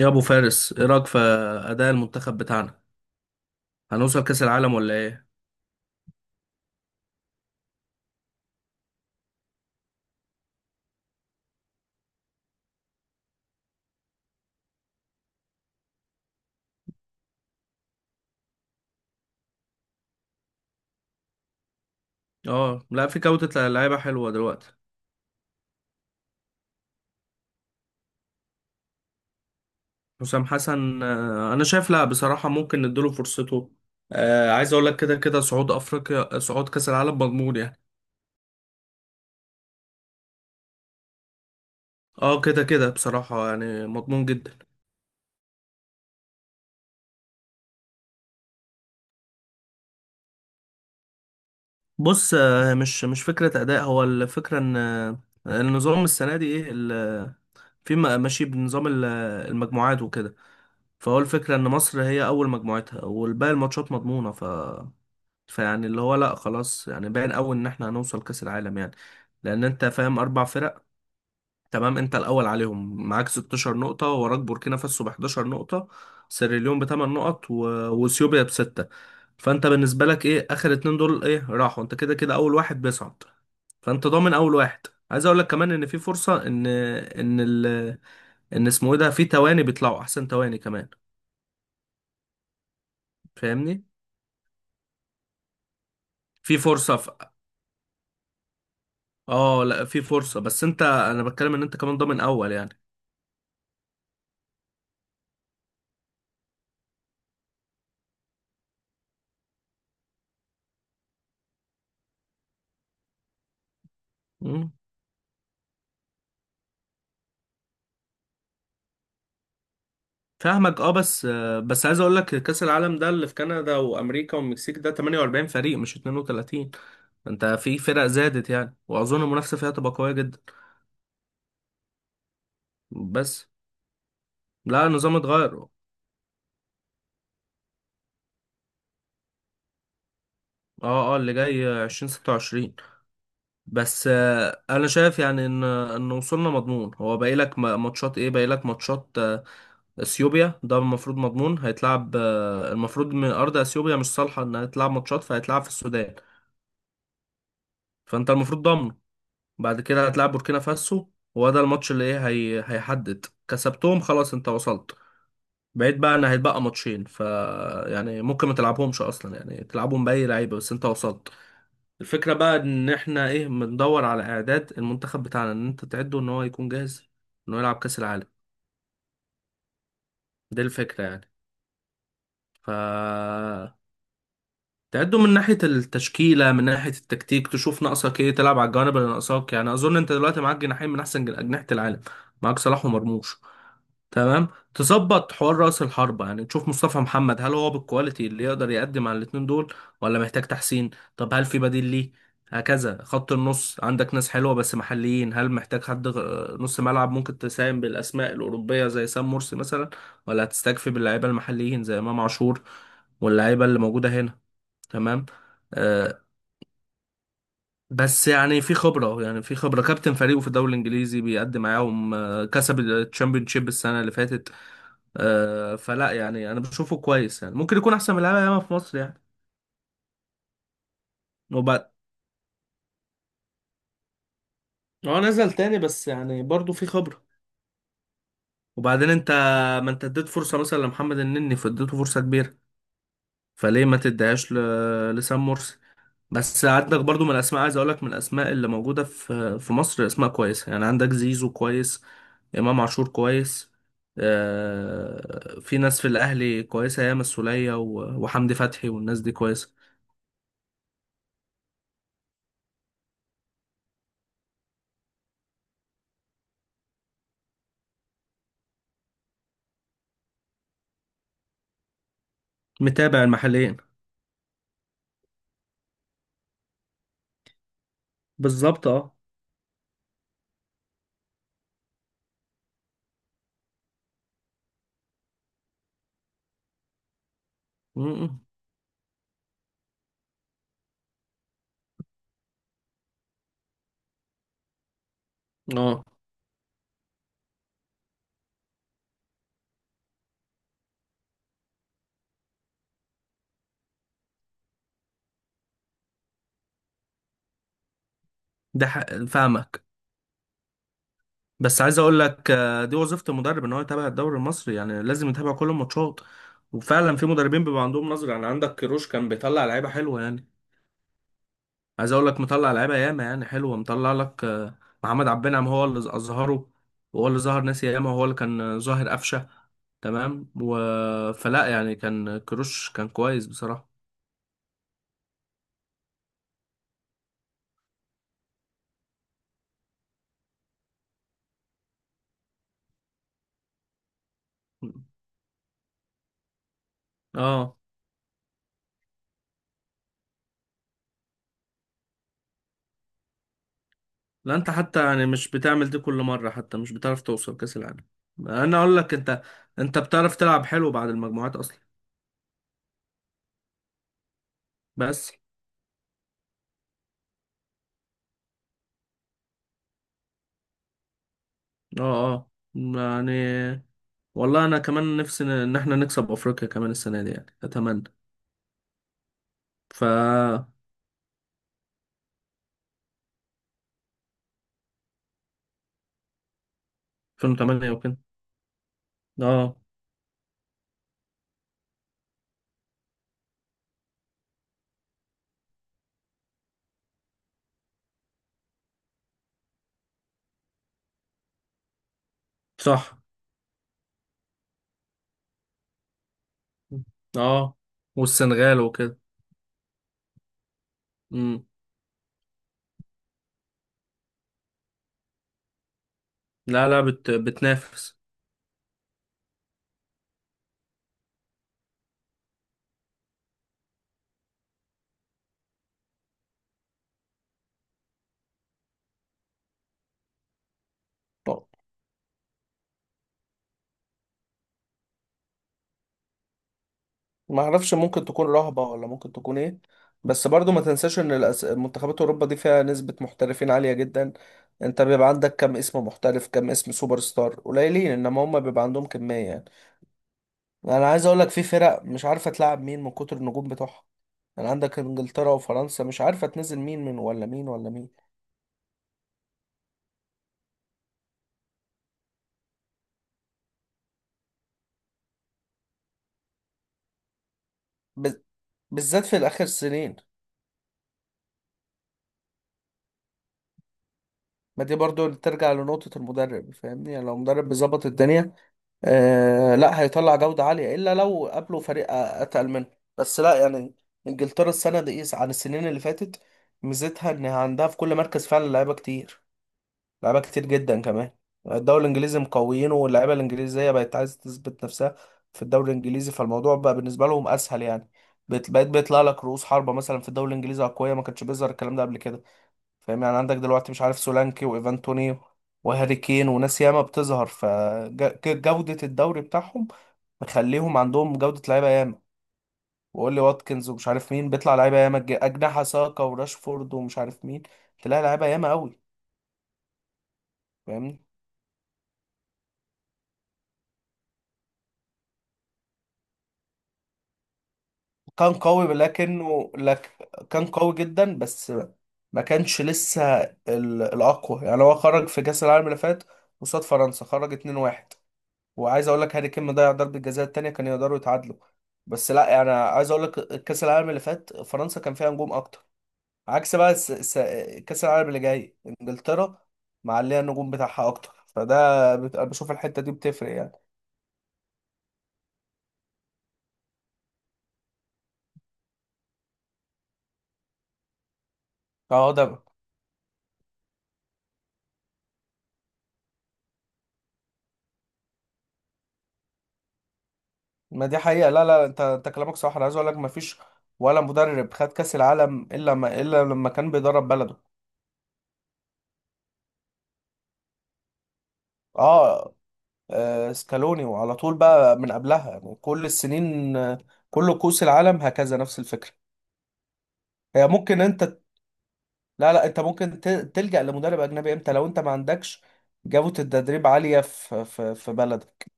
يا ابو فارس، ايه رايك في اداء المنتخب بتاعنا؟ هنوصل كاس العالم ولا ايه؟ اه، لا في جوده لعيبه حلوه دلوقتي. حسام حسن، انا شايف، لا بصراحه ممكن نديله فرصته. آه، عايز اقول لك، كده كده صعود افريقيا، صعود كاس العالم مضمون يعني. اه كده كده بصراحه يعني مضمون جدا. بص، مش فكره اداء، هو الفكره ان النظام السنه دي ايه في ماشي بنظام المجموعات وكده. فهو الفكرة إن مصر هي أول مجموعتها والباقي الماتشات مضمونة. فيعني اللي هو لا خلاص، يعني باين قوي ان احنا هنوصل كاس العالم يعني، لان انت فاهم اربع فرق. تمام، انت الاول عليهم، معاك 16 نقطة، وراك بوركينا فاسو ب 11 نقطة، سيراليون بثمان نقط واثيوبيا بستة. فانت بالنسبة لك ايه اخر اتنين دول ايه راحوا، انت كده كده اول واحد بيصعد، فانت ضامن اول واحد. عايز اقول لك كمان ان في فرصة ان ان اسمه ايه ده، في تواني بيطلعوا احسن تواني كمان، فاهمني. في فرصة اه لا في فرصة، بس انت انا بتكلم ان انت كمان ضامن اول يعني. مم. فاهمك، اه بس بس عايز اقول لك كاس العالم ده اللي في كندا وامريكا والمكسيك ده 48 فريق مش 32. انت في فرق زادت يعني، واظن المنافسه فيها تبقى قويه جدا. بس لا النظام اتغير، اه. اه اللي جاي 2026. بس انا شايف يعني ان وصولنا مضمون. هو باقي لك ماتشات، ايه باقي لك ماتشات، اثيوبيا ده المفروض مضمون، هيتلعب، المفروض من ارض اثيوبيا مش صالحه انها تلعب ماتشات، فهيتلعب في السودان، فانت المفروض ضامن. بعد كده هتلعب بوركينا فاسو، هو ده الماتش اللي ايه هيحدد كسبتهم، خلاص انت وصلت. بقيت بقى ان هيتبقى ماتشين، يعني ممكن ما تلعبهمش اصلا، يعني تلعبهم باي لعيبه بس انت وصلت. الفكره بقى ان احنا ايه بندور على اعداد المنتخب بتاعنا، ان انت تعده ان هو يكون جاهز انه يلعب كاس العالم. دي الفكره يعني. ف تعده من ناحيه التشكيله، من ناحيه التكتيك، تشوف ناقصك ايه، تلعب على الجوانب اللي ناقصاك. يعني اظن انت دلوقتي معاك جناحين من احسن اجنحه العالم، معاك صلاح ومرموش. تمام. تظبط حوار رأس الحربة، يعني تشوف مصطفى محمد هل هو بالكواليتي اللي يقدر يقدم على الاتنين دول، ولا محتاج تحسين. طب هل في بديل ليه؟ هكذا خط النص عندك ناس حلوة بس محليين. هل محتاج حد نص ملعب ممكن تساهم بالأسماء الأوروبية زي سام مرسي مثلا، ولا هتستكفي باللعيبة المحليين زي إمام عاشور واللعيبة اللي موجودة هنا؟ تمام. آه بس يعني في خبرة، يعني في خبرة، كابتن فريقه في الدوري الإنجليزي، بيقدم معاهم، كسب الشامبيونشيب السنة اللي فاتت. فلا يعني انا بشوفه كويس يعني، ممكن يكون احسن من لعيبه ياما في مصر يعني. وبعد، هو نزل تاني بس يعني برضه في خبره. وبعدين انت، ما انت اديت فرصه مثلا لمحمد النني، فاديته فرصه كبيره، فليه ما تديهاش لسام مرسي؟ بس عندك برضو من الاسماء، عايز اقول لك، من الاسماء اللي موجوده في مصر، اسماء كويسه يعني، عندك زيزو كويس، امام عاشور كويس. في ناس في الاهلي كويسه ياما، السوليه وحمدي فتحي والناس دي كويسه. متابع المحليين. بالظبط اه. مم. اه ده حق فاهمك. بس عايز اقول لك، دي وظيفة المدرب ان هو يتابع الدوري المصري يعني، لازم يتابع كل الماتشات. وفعلا في مدربين بيبقى عندهم نظرة، يعني عندك كيروش كان بيطلع لعيبة حلوة يعني. عايز اقول لك، مطلع لعيبة ياما يعني حلوة، مطلع لك محمد عبد النعم هو اللي اظهره، وهو اللي ظهر ناس ياما، وهو اللي كان ظاهر قفشة. تمام، فلا يعني كان كيروش كان كويس بصراحة. اه لا انت حتى يعني مش بتعمل دي كل مرة، حتى مش بتعرف توصل كأس العالم. انا اقول لك، انت، انت بتعرف تلعب حلو بعد المجموعات اصلا. بس اه، اه يعني، والله انا كمان نفسي ان إن احنا نكسب افريقيا كمان السنة دي يعني، اتمنى. ف 2008 وكده. اه صح. اه، والسنغال وكده. امم. لا لا، بتنافس. ما اعرفش، ممكن تكون رهبة، ولا ممكن تكون ايه. بس برضو ما تنساش ان منتخبات اوروبا دي فيها نسبة محترفين عالية جدا. انت بيبقى عندك كم اسم محترف، كم اسم سوبر ستار، قليلين، انما هم بيبقى عندهم كمية يعني. انا عايز اقول لك في فرق مش عارفة تلعب مين من كتر النجوم بتوعها، يعني عندك انجلترا وفرنسا مش عارفة تنزل مين من ولا مين ولا مين. ب- بالذات في الاخر سنين. ما دي برضو ترجع لنقطة المدرب، فاهمني، يعني لو مدرب بيظبط الدنيا، آه لا هيطلع جودة عالية، إلا لو قابله فريق أتقل منه. بس لا يعني، إنجلترا السنة دي إيه عن السنين اللي فاتت؟ ميزتها إن عندها في كل مركز فعلا لعيبة كتير، لعيبة كتير جدا كمان. الدوري الإنجليزي مقويينه، واللعيبة الإنجليزية بقت عايزة تثبت نفسها في الدوري الإنجليزي، فالموضوع بقى بالنسبة لهم أسهل يعني. بقيت بيطلع لك رؤوس حربة مثلا في الدوري الإنجليزي أقوياء، ما كانش بيظهر الكلام ده قبل كده. فاهم يعني، عندك دلوقتي مش عارف سولانكي وايفان توني وهاري كين وناس ياما بتظهر. فجودة الدوري بتاعهم مخليهم عندهم جودة لعيبة ياما. وقول لي واتكنز ومش عارف مين، بيطلع لعيبة ياما، أجنحة ساكا وراشفورد ومش عارف مين، تلاقي لعيبة ياما قوي. فاهمني. كان قوي، لكنه لك كان قوي جدا بس ما كانش لسه الأقوى يعني. هو خرج في كأس العالم اللي فات قصاد فرنسا، خرج 2-1، وعايز اقول لك هاري كين ضيع ضربه جزاء التانيه، كان يقدروا يتعادلوا. بس لا انا عايز اقول لك كاس العالم اللي فات فرنسا كان فيها نجوم اكتر، عكس بقى كاس العالم اللي جاي انجلترا، معليه النجوم بتاعها اكتر، فده أنا بشوف الحته دي بتفرق يعني. اه ده بقى. ما دي حقيقه، لا لا انت، انت كلامك صح، انا عايز اقول لك ما فيش ولا مدرب خد كاس العالم الا ما الا لما كان بيدرب بلده. اه. سكالوني، وعلى طول بقى من قبلها يعني كل السنين، كل كؤوس العالم هكذا نفس الفكره. هي ممكن انت، لا لا انت ممكن تلجأ لمدرب اجنبي امتى؟ لو انت ما عندكش جودة التدريب عالية في بلدك.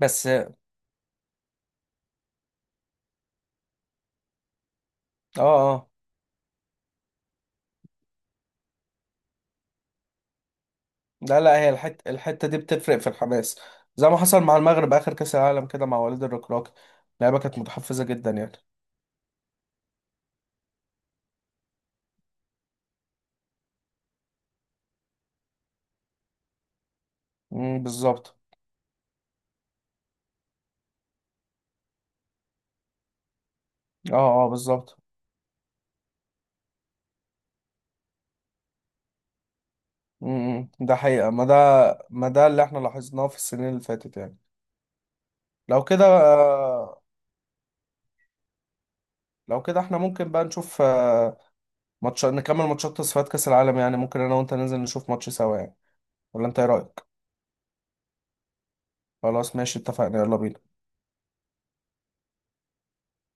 بس اه، اه لا لا، هي الحتة دي بتفرق في الحماس، زي ما حصل مع المغرب اخر كأس العالم كده مع وليد الركراكي، اللعيبة كانت متحفزة جدا يعني. بالظبط. اه اه بالظبط. امم، ده حقيقة. ما ده اللي احنا لاحظناه في السنين اللي فاتت يعني. لو كده لو كده احنا ممكن بقى نشوف ماتش، نكمل ماتشات تصفيات كأس العالم، يعني ممكن انا وانت ننزل نشوف ماتش سوا يعني، ولا انت ايه رأيك؟ خلاص ماشي اتفقنا، يلا بينا.